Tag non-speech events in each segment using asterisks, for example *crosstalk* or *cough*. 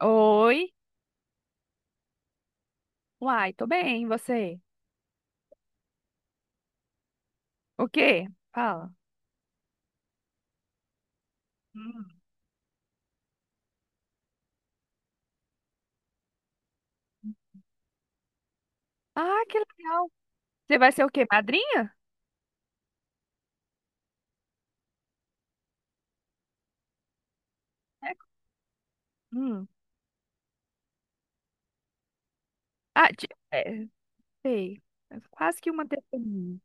Oi? Uai, tô bem, e você? O quê? Fala. Hum, Ah, que legal. Você vai ser o quê? Madrinha? É. Hum. Ah, é, sei. É quase que uma testemunha.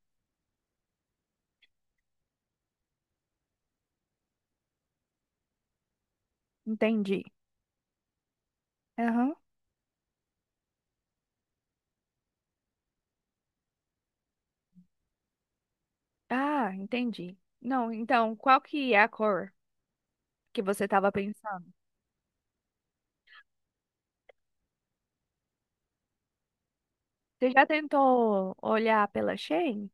Entendi. Aham. Ah, entendi. Não, então, qual que é a cor que você tava pensando? Você já tentou olhar pela Shein?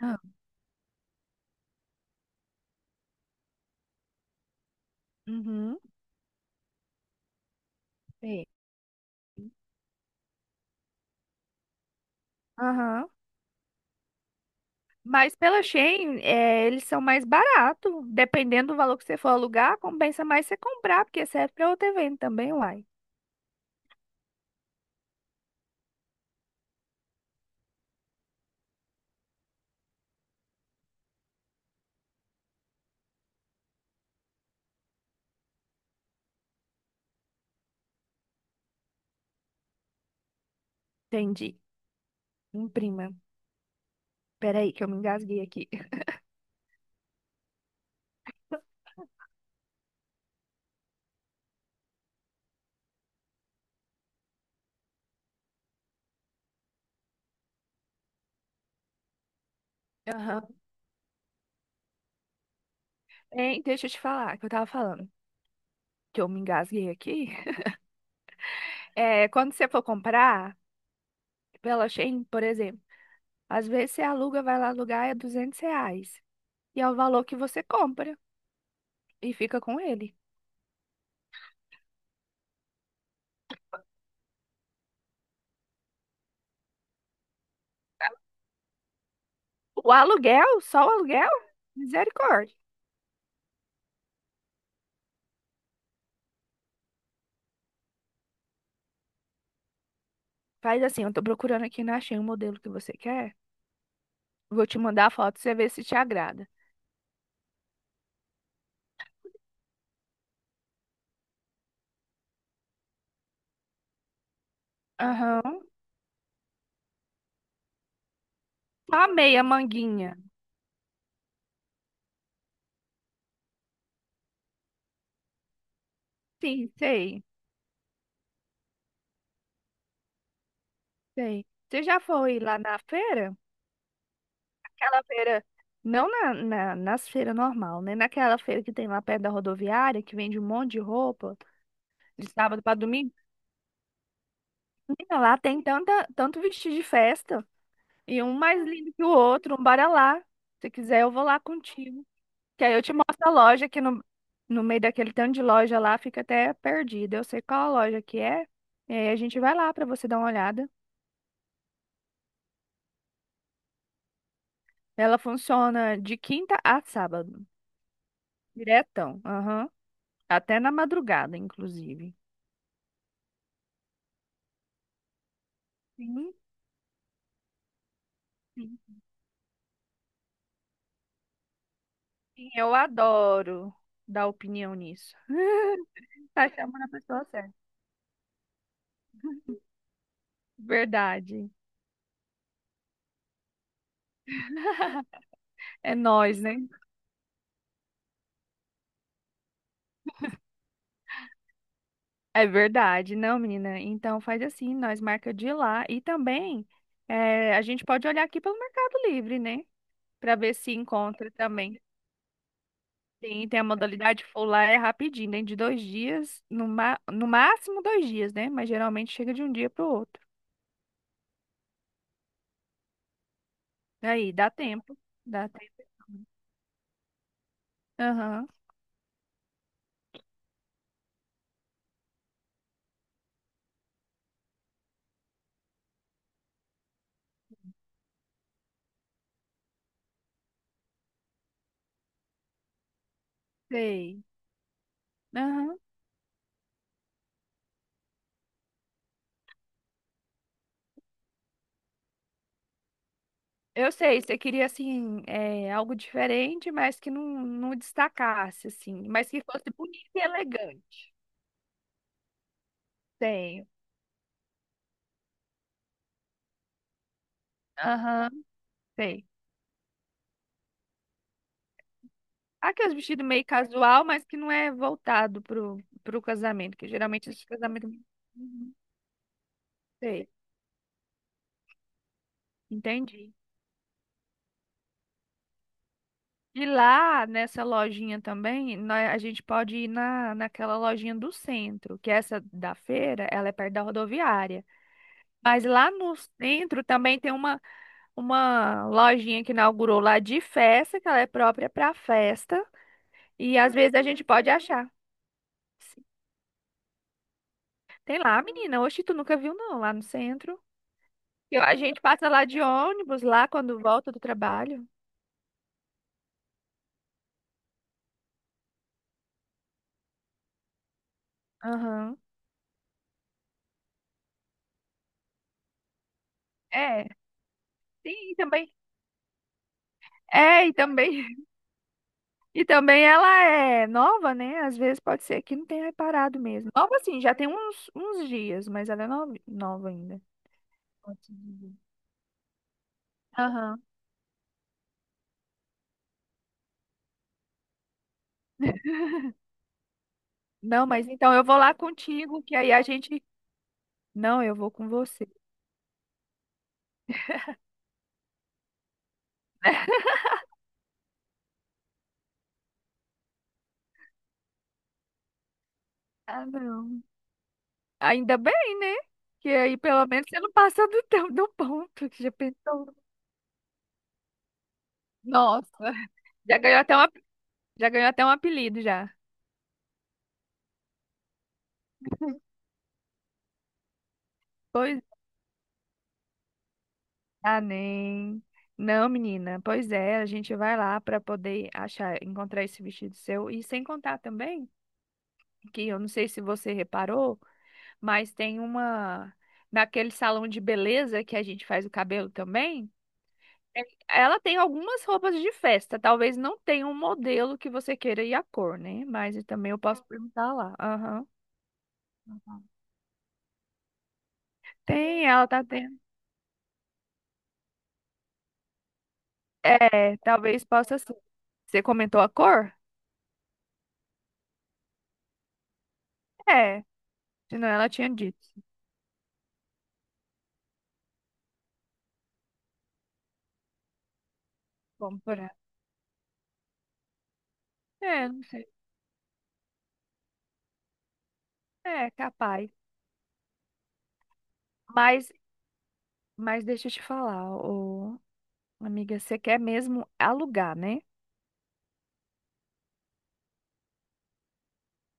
Ah, uhum. Sei. Aham. Mas pela Shein, é, eles são mais baratos. Dependendo do valor que você for alugar, compensa mais você comprar, porque serve para outro evento também, uai. Entendi. Imprima. Peraí, que eu me engasguei aqui. Aham. *laughs* Hein, deixa eu te falar, que eu tava falando que eu me engasguei aqui. É, quando você for comprar pela Shein, por exemplo, às vezes você aluga, vai lá alugar, é R$ 200. E é o valor que você compra e fica com ele. O aluguel, só o aluguel, misericórdia. Faz assim, eu tô procurando aqui, não achei o modelo que você quer. Vou te mandar a foto pra você ver se te agrada. Aham. Só a meia manguinha. Sim, sei, sei. Você já foi lá na feira? Aquela feira, não nas feiras normal, né? Naquela feira que tem lá perto da rodoviária, que vende um monte de roupa, de sábado pra domingo. Menina, lá tem tanto vestido de festa, e um mais lindo que o outro, um bora lá. Se quiser, eu vou lá contigo. Que aí eu te mostro a loja que no meio daquele tanto de loja lá fica até perdida. Eu sei qual a loja que é. E aí a gente vai lá pra você dar uma olhada. Ela funciona de quinta a sábado. Diretão. Aham. Até na madrugada, inclusive. Sim, sim. Sim, eu adoro dar opinião nisso. *laughs* Tá chamando a pessoa certa. Verdade. É nós, né? É verdade, não, menina. Então faz assim, nós marca de ir lá e também a gente pode olhar aqui pelo Mercado Livre, né? Para ver se encontra também. Sim, tem a modalidade full lá, é rapidinho, dentro de 2 dias, no máximo 2 dias, né? Mas geralmente chega de um dia para o outro. Aí, dá tempo. Dá tempo. Aham, sei. Aham. Eu sei, você queria, assim, é, algo diferente, mas que não, não destacasse, assim. Mas que fosse bonito e elegante. Tenho. Aham, sei. Aqueles vestidos meio casual, mas que não é voltado pro casamento, que geralmente esse casamento... Uhum. Sei. Entendi. E lá nessa lojinha também, a gente pode ir naquela lojinha do centro, que é essa da feira, ela é perto da rodoviária. Mas lá no centro também tem uma lojinha que inaugurou lá de festa, que ela é própria para festa. E às vezes a gente pode achar. Sim. Tem lá, menina. Oxe, tu nunca viu, não, lá no centro. Eu A gente passa lá de ônibus, lá quando volta do trabalho. Aham. É, sim, e também. É, e também. E também ela é nova, né? Às vezes pode ser que não tenha reparado mesmo. Nova assim, já tem uns dias, mas ela é nova nova ainda. Posso dizer. Aham. Não, mas então eu vou lá contigo, que aí a gente. Não, eu vou com você. Ah, não. Ainda bem, né? Que aí pelo menos você não passa do, *laughs* do ponto, que já pensou. Nossa, já ganhou até um, ap- já ganhou até um apelido já. Pois. Ah, nem. Não, menina. Pois é, a gente vai lá para poder achar, encontrar esse vestido seu. E sem contar também, que eu não sei se você reparou, mas tem uma. Naquele salão de beleza que a gente faz o cabelo também, é- ela tem algumas roupas de festa. Talvez não tenha um modelo que você queira e a cor, né? Mas também eu posso perguntar lá. Aham. Tem, ela tá tendo. É, talvez possa ser. Você comentou a cor? É, senão ela tinha dito. Comprar. É, não sei. É, capaz. Mas, mas deixa eu te falar, ô, amiga, você quer mesmo alugar, né?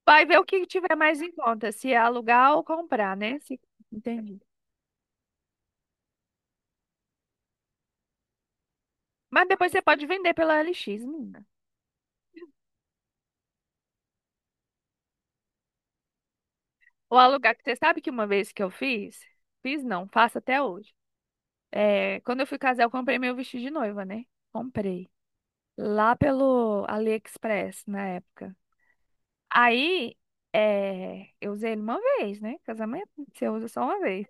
Vai ver o que tiver mais em conta, se é alugar ou comprar, né? Se- Entendi. Mas depois você pode vender pela LX, menina. Ou alugar, que você sabe que uma vez que eu fiz, fiz não, faço até hoje. É, quando eu fui casar, eu comprei meu vestido de noiva, né? Comprei. Lá pelo AliExpress, na época. Aí, é, eu usei ele uma vez, né? Casamento, você usa só uma vez.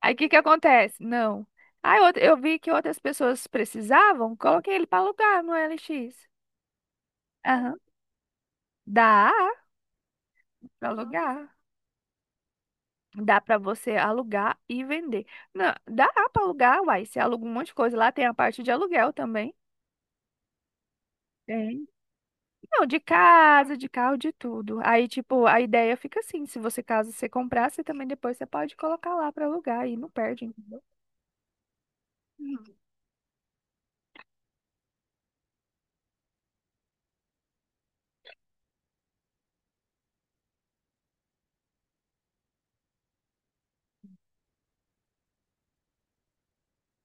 Aí o que que acontece? Não. Eu vi que outras pessoas precisavam, coloquei ele para alugar no LX. Aham. Dá para alugar. Dá para você alugar e vender. Não, dá para alugar, uai. Você aluga um monte de coisa. Lá tem a parte de aluguel também. Tem. Não, de casa, de carro, de tudo. Aí, tipo, a ideia fica assim: se você, caso você comprar, você também depois você pode colocar lá para alugar e não perde, entendeu? Hum.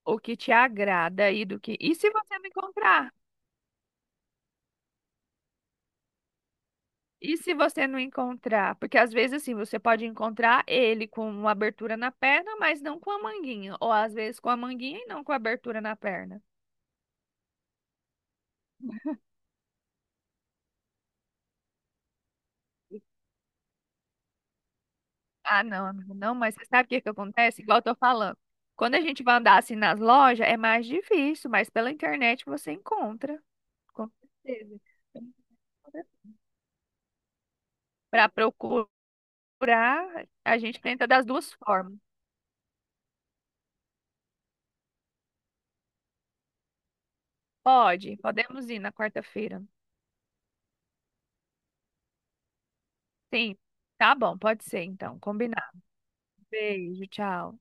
O que te agrada aí do que. E se você me comprar? E se você não encontrar? Porque às vezes, assim, você pode encontrar ele com uma abertura na perna, mas não com a manguinha. Ou às vezes com a manguinha e não com a abertura na perna. Ah, não, amiga, não, mas você sabe o que que acontece? Igual eu tô falando. Quando a gente vai andar assim nas lojas, é mais difícil, mas pela internet você encontra, com certeza. Para procurar, a gente tenta das duas formas. Pode, podemos ir na quarta-feira. Sim, tá bom, pode ser então, combinado. Beijo, tchau.